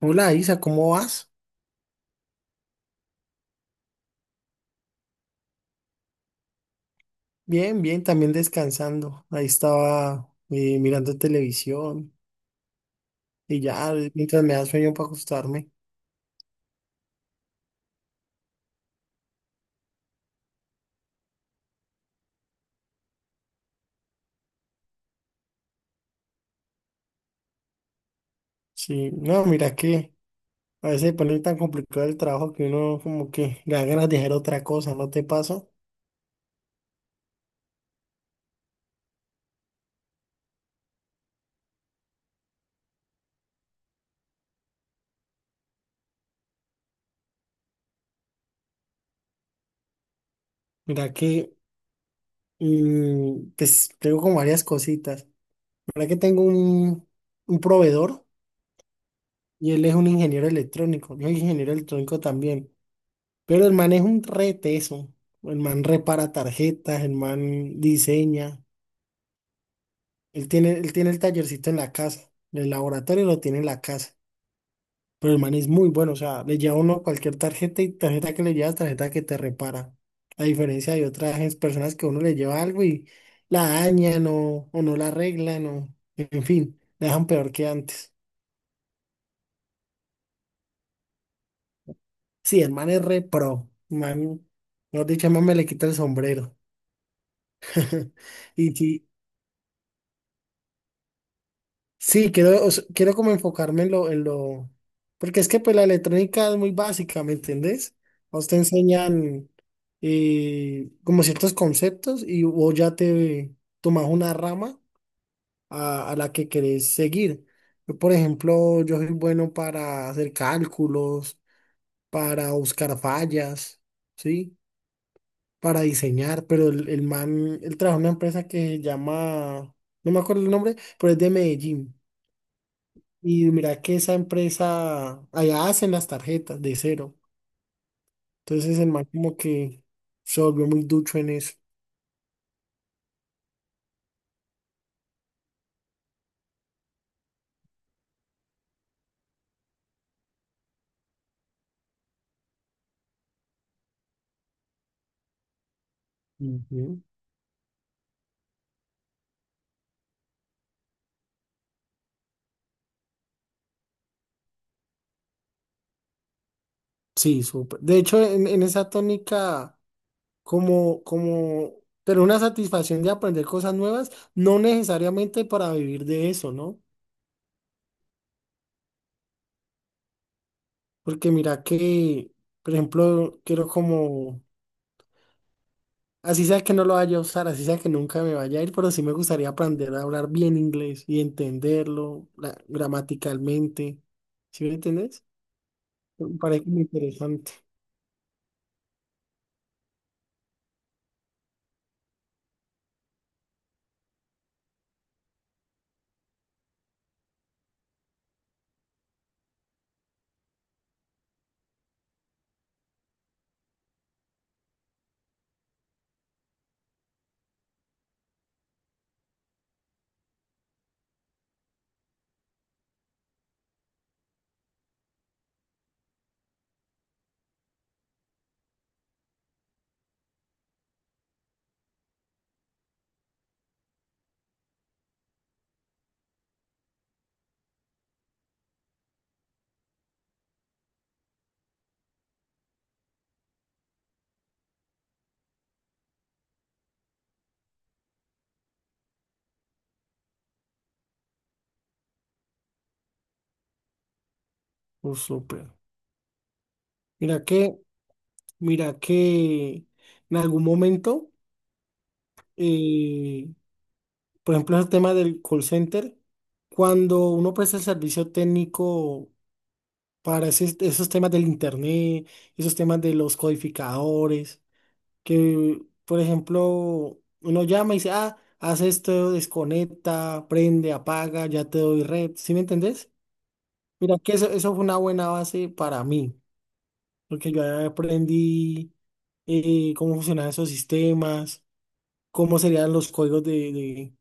Hola Isa, ¿cómo vas? Bien, bien, también descansando. Ahí estaba mirando televisión y ya, mientras me da sueño para acostarme. Sí, no, mira que a veces se pone tan complicado el trabajo que uno como que le da ganas de hacer otra cosa, ¿no te pasa? Mira que, pues tengo como varias cositas. Mira que tengo un proveedor y él es un ingeniero electrónico. Yo soy ingeniero electrónico también. Pero el man es un reteso. El man repara tarjetas, el man diseña. Él tiene el tallercito en la casa. El laboratorio lo tiene en la casa. Pero el man es muy bueno. O sea, le lleva uno cualquier tarjeta y tarjeta que le llevas, tarjeta que te repara. A diferencia de otras personas que uno le lleva algo y la dañan o no la arreglan o, en fin, la dejan peor que antes. Sí, el man es re pro. El Man, mejor dicho, el man me le quita el sombrero. Y sí, sí, quiero, o sea, quiero como enfocarme en en lo, porque es que pues la electrónica es muy básica, ¿me entendés? A usted enseñan como ciertos conceptos y vos ya te tomas una rama a la que querés seguir. Yo soy bueno para hacer cálculos, para buscar fallas, ¿sí? Para diseñar, pero el man, él trabaja en una empresa que se llama, no me acuerdo el nombre, pero es de Medellín. Y mira que esa empresa, allá hacen las tarjetas de cero. Entonces el man como que se volvió muy ducho en eso. Ujú. Sí, súper. De hecho, en esa tónica, como, como, pero una satisfacción de aprender cosas nuevas, no necesariamente para vivir de eso, ¿no? Porque mira que, por ejemplo, quiero como, así sea que no lo vaya a usar, así sea que nunca me vaya a ir, pero sí me gustaría aprender a hablar bien inglés y entenderlo gramaticalmente. ¿Sí me entendés? Me parece muy interesante. Oh, súper. Mira que, mira que en algún momento, eh, por ejemplo, el tema del call center, cuando uno presta el servicio técnico para esos temas del internet, esos temas de los codificadores, que, por ejemplo, uno llama y dice, ah, haz esto, desconecta, prende, apaga, ya te doy red, ¿sí me entendés? Mira que eso fue una buena base para mí, porque yo ahí aprendí cómo funcionaban esos sistemas, cómo serían los códigos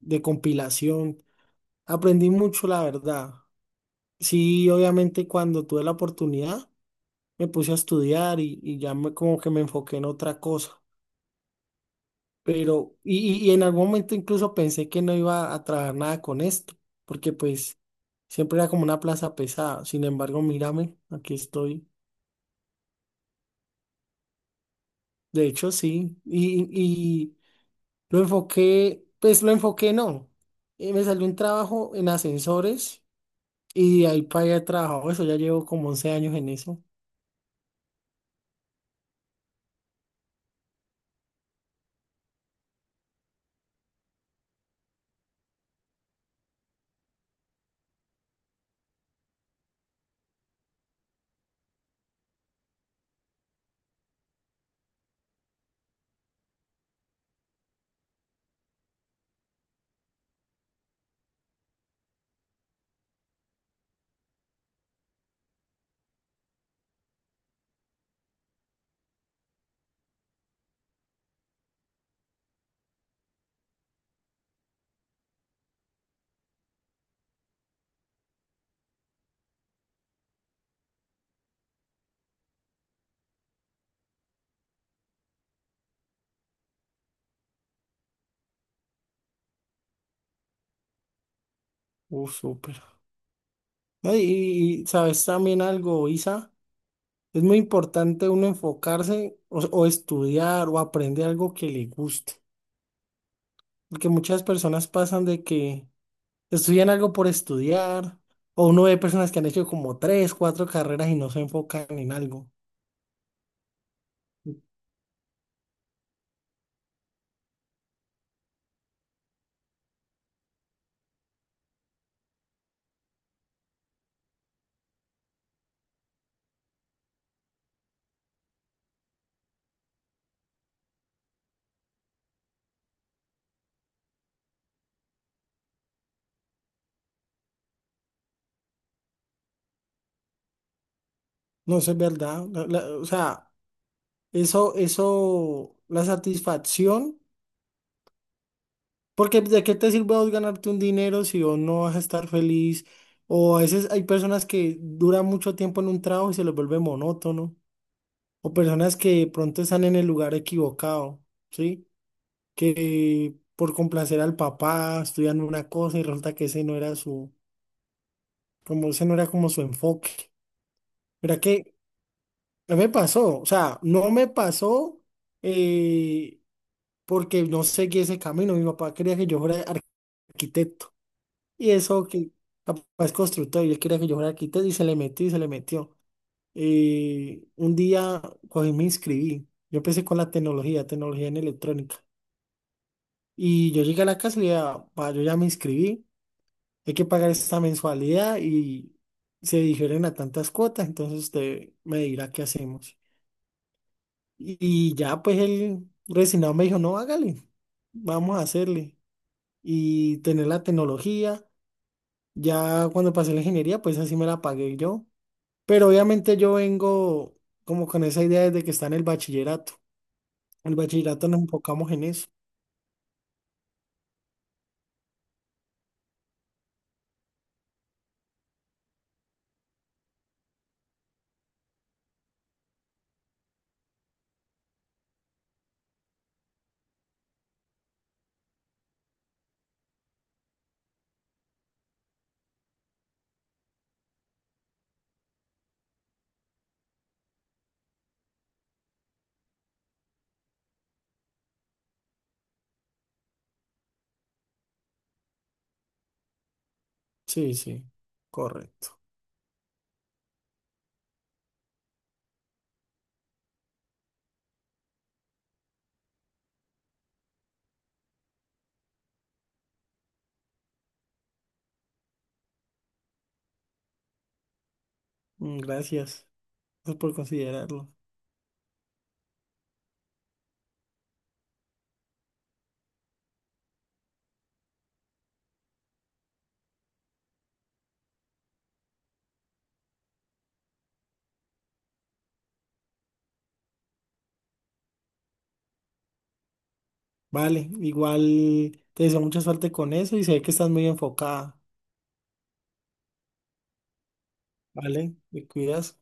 de compilación. Aprendí mucho, la verdad. Sí, obviamente cuando tuve la oportunidad, me puse a estudiar y ya me, como que me enfoqué en otra cosa. Pero, en algún momento incluso pensé que no iba a trabajar nada con esto, porque pues siempre era como una plaza pesada. Sin embargo, mírame, aquí estoy. De hecho, sí. Lo enfoqué, pues lo enfoqué, no. Me salió un trabajo en ascensores y de ahí para allá he trabajado eso. Ya llevo como 11 años en eso. Súper. No, y sabes también algo, Isa, es muy importante uno enfocarse o estudiar o aprender algo que le guste. Porque muchas personas pasan de que estudian algo por estudiar, o uno ve personas que han hecho como tres, cuatro carreras y no se enfocan en algo. No, eso es verdad. O sea, la satisfacción, porque ¿de qué te sirve a vos ganarte un dinero si vos no vas a estar feliz? O a veces hay personas que duran mucho tiempo en un trabajo y se les vuelve monótono, o personas que de pronto están en el lugar equivocado, ¿sí? Que por complacer al papá estudian una cosa y resulta que ese no era como ese no era como su enfoque. Mira que no me pasó, o sea, no me pasó, eh, porque no seguí ese camino. Mi papá quería que yo fuera arquitecto y eso que papá es constructor y él quería que yo fuera arquitecto y se le metió y se le metió. Un día cogí y me inscribí. Yo empecé con la tecnología, tecnología en electrónica. Y yo llegué a la casa y le dije, "Ah, pa, yo ya me inscribí. Hay que pagar esta mensualidad y se difieren a tantas cuotas, entonces usted me dirá qué hacemos." Y ya pues el resignado me dijo, no, hágale, vamos a hacerle. Y tener la tecnología, ya cuando pasé la ingeniería, pues así me la pagué yo. Pero obviamente yo vengo como con esa idea desde que está en el bachillerato. En el bachillerato nos enfocamos en eso. Sí, sí, correcto. Mm, gracias pues, por considerarlo. Vale, igual te deseo mucha suerte con eso y sé que estás muy enfocada. Vale, te cuidas.